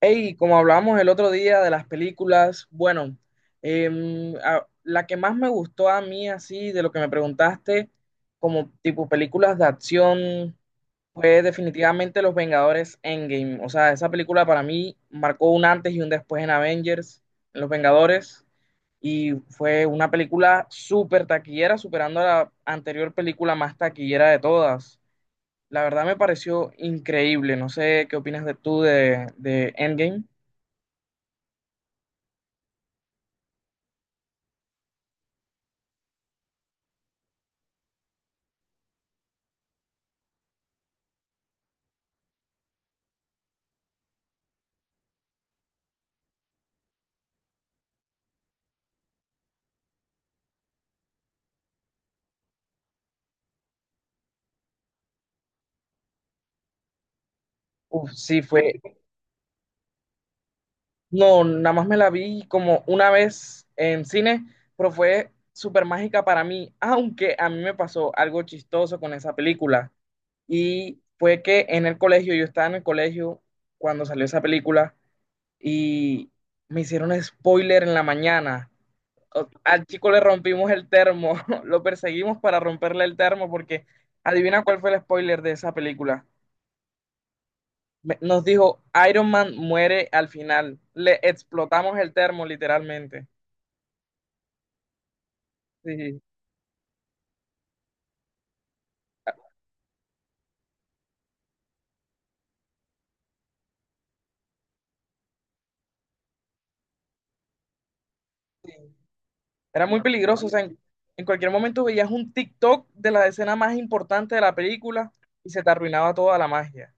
Hey, como hablamos el otro día de las películas, bueno, la que más me gustó a mí así, de lo que me preguntaste, como tipo películas de acción, fue definitivamente Los Vengadores Endgame. O sea, esa película para mí marcó un antes y un después en Avengers, en Los Vengadores, y fue una película súper taquillera, superando a la anterior película más taquillera de todas. La verdad me pareció increíble. No sé qué opinas de tú de Endgame. Uf, sí, fue. No, nada más me la vi como una vez en cine, pero fue súper mágica para mí, aunque a mí me pasó algo chistoso con esa película. Y fue que en el colegio, yo estaba en el colegio cuando salió esa película y me hicieron spoiler en la mañana. Al chico le rompimos el termo, lo perseguimos para romperle el termo porque adivina cuál fue el spoiler de esa película. Nos dijo, Iron Man muere al final. Le explotamos el termo, literalmente. Sí, sí. Era muy peligroso. O sea, en cualquier momento veías un TikTok de la escena más importante de la película y se te arruinaba toda la magia.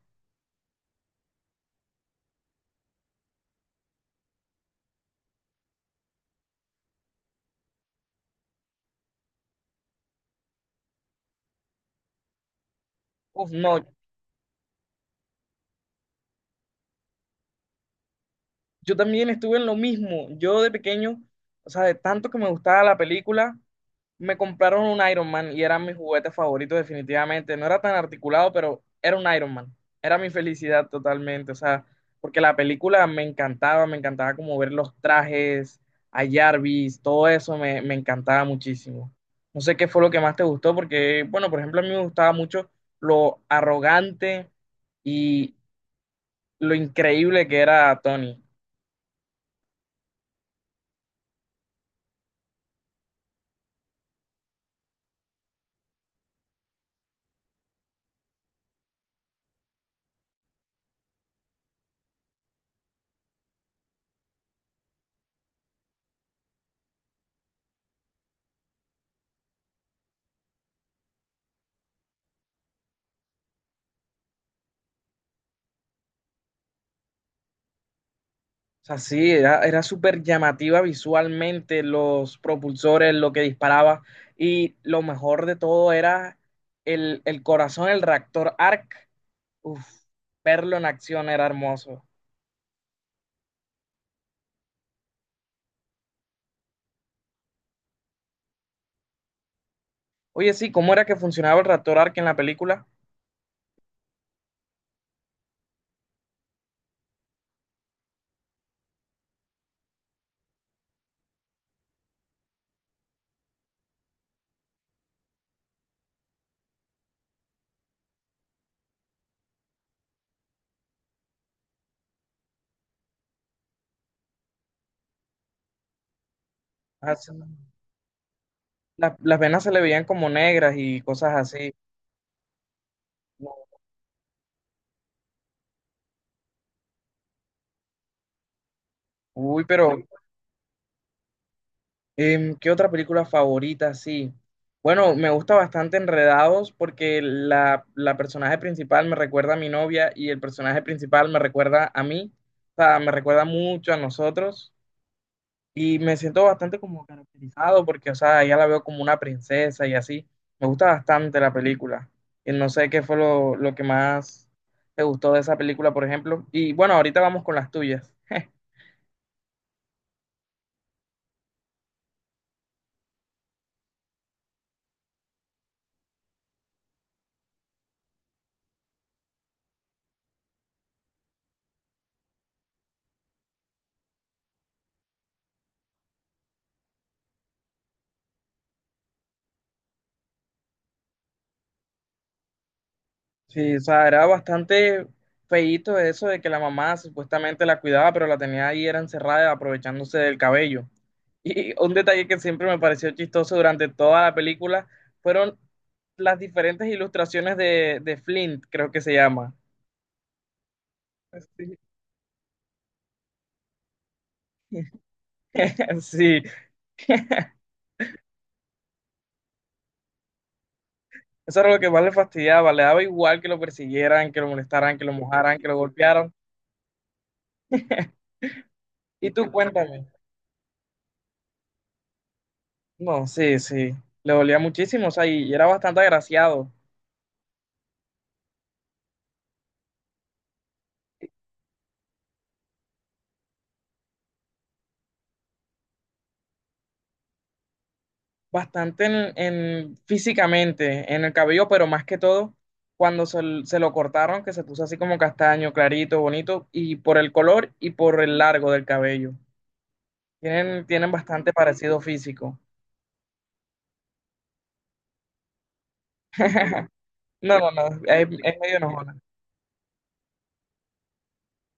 Uf, no, yo también estuve en lo mismo. Yo de pequeño, o sea, de tanto que me gustaba la película, me compraron un Iron Man y era mi juguete favorito definitivamente. No era tan articulado, pero era un Iron Man. Era mi felicidad totalmente, o sea, porque la película me encantaba como ver los trajes, a Jarvis, todo eso me encantaba muchísimo. No sé qué fue lo que más te gustó, porque, bueno, por ejemplo, a mí me gustaba mucho lo arrogante y lo increíble que era Tony. O sea, sí, era, era súper llamativa visualmente, los propulsores, lo que disparaba. Y lo mejor de todo era el corazón, el reactor ARC. Uf, verlo en acción era hermoso. Oye, sí, ¿cómo era que funcionaba el reactor ARC en la película? Ah, sí, las venas se le veían como negras y cosas así. Uy, pero ¿qué otra película favorita? Sí. Bueno, me gusta bastante Enredados porque la personaje principal me recuerda a mi novia y el personaje principal me recuerda a mí. O sea, me recuerda mucho a nosotros y me siento bastante como caracterizado porque, o sea, ya la veo como una princesa y así. Me gusta bastante la película. Y no sé qué fue lo que más te gustó de esa película, por ejemplo. Y bueno, ahorita vamos con las tuyas. Sí, o sea, era bastante feíto eso de que la mamá supuestamente la cuidaba, pero la tenía ahí era encerrada aprovechándose del cabello. Y un detalle que siempre me pareció chistoso durante toda la película fueron las diferentes ilustraciones de Flint, creo que se llama. Sí. Sí, eso era lo que más le fastidiaba, le daba igual que lo persiguieran, que lo molestaran, que lo mojaran, que lo golpearan. Y tú cuéntame. No, sí, sí, le dolía muchísimo, o sea, y era bastante agraciado. Bastante físicamente, en el cabello, pero más que todo cuando se, se lo cortaron, que se puso así como castaño, clarito, bonito, y por el color y por el largo del cabello. Tienen bastante parecido físico. No, no, no, es medio enojona.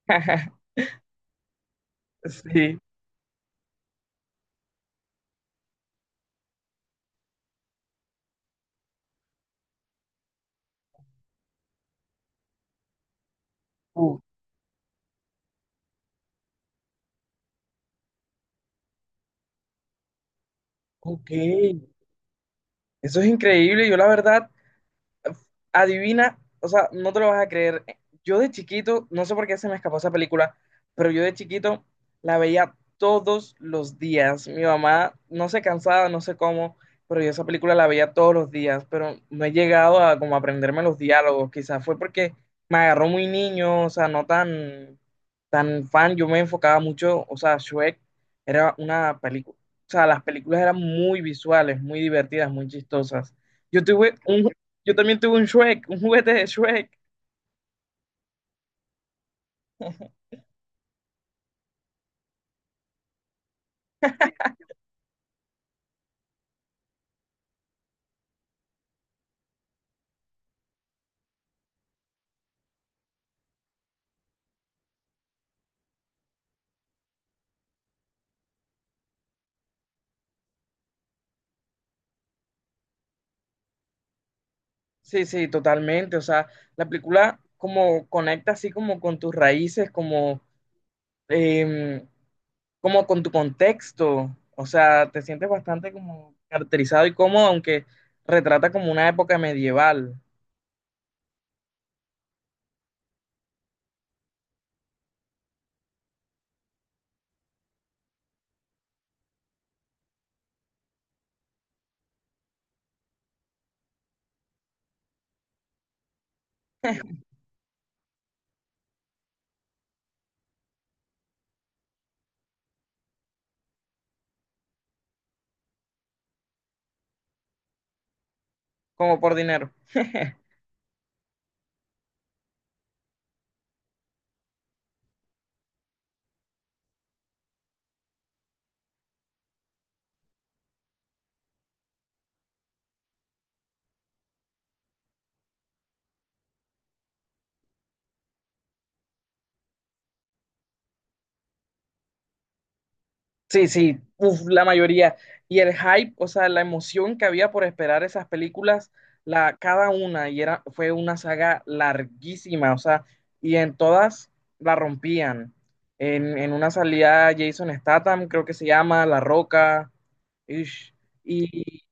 Sí. Uh, ok. Eso es increíble. Yo la verdad adivina, o sea, no te lo vas a creer. Yo de chiquito, no sé por qué se me escapó esa película, pero yo de chiquito la veía todos los días. Mi mamá no se cansaba, no sé cómo, pero yo esa película la veía todos los días, pero no he llegado a como aprenderme los diálogos. Quizás fue porque me agarró muy niño, o sea, no tan, tan fan. Yo me enfocaba mucho, o sea, Shrek era una película, o sea, las películas eran muy visuales, muy divertidas, muy chistosas. Yo tuve un, yo también tuve un Shrek, un juguete de Shrek. Sí, sí, totalmente. O sea, la película como conecta así como con tus raíces, como, em, como con tu contexto. O sea, te sientes bastante como caracterizado y cómodo, aunque retrata como una época medieval, como por dinero. Sí, sí, uf, la mayoría. Y el hype, o sea, la emoción que había por esperar esas películas, la, cada una, y era, fue una saga larguísima, o sea, y en todas la rompían. En una salía Jason Statham, creo que se llama, La Roca, ish, y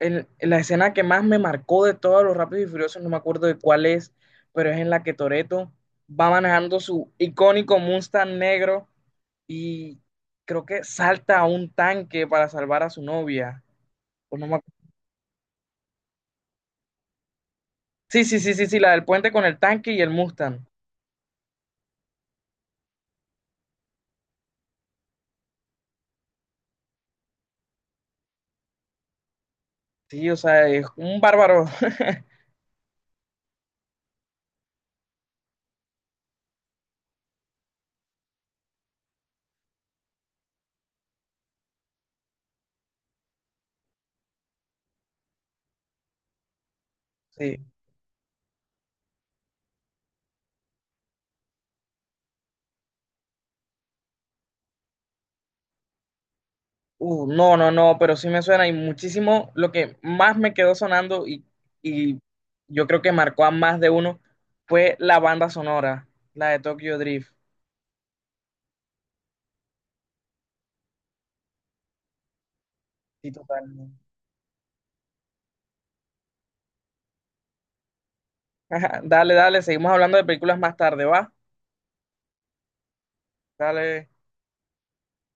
en la escena que más me marcó de todos los Rápidos y Furiosos, no me acuerdo de cuál es, pero es en la que Toretto va manejando su icónico Mustang negro y creo que salta a un tanque para salvar a su novia. O no me acu- Sí, sí, sí, sí, sí, la del puente con el tanque y el Mustang. Sí, o sea, es un bárbaro. Sí. No, no, no, pero sí me suena y muchísimo. Lo que más me quedó sonando y yo creo que marcó a más de uno fue la banda sonora, la de Tokyo Drift. Sí, totalmente. Dale, dale, seguimos hablando de películas más tarde, ¿va? Dale.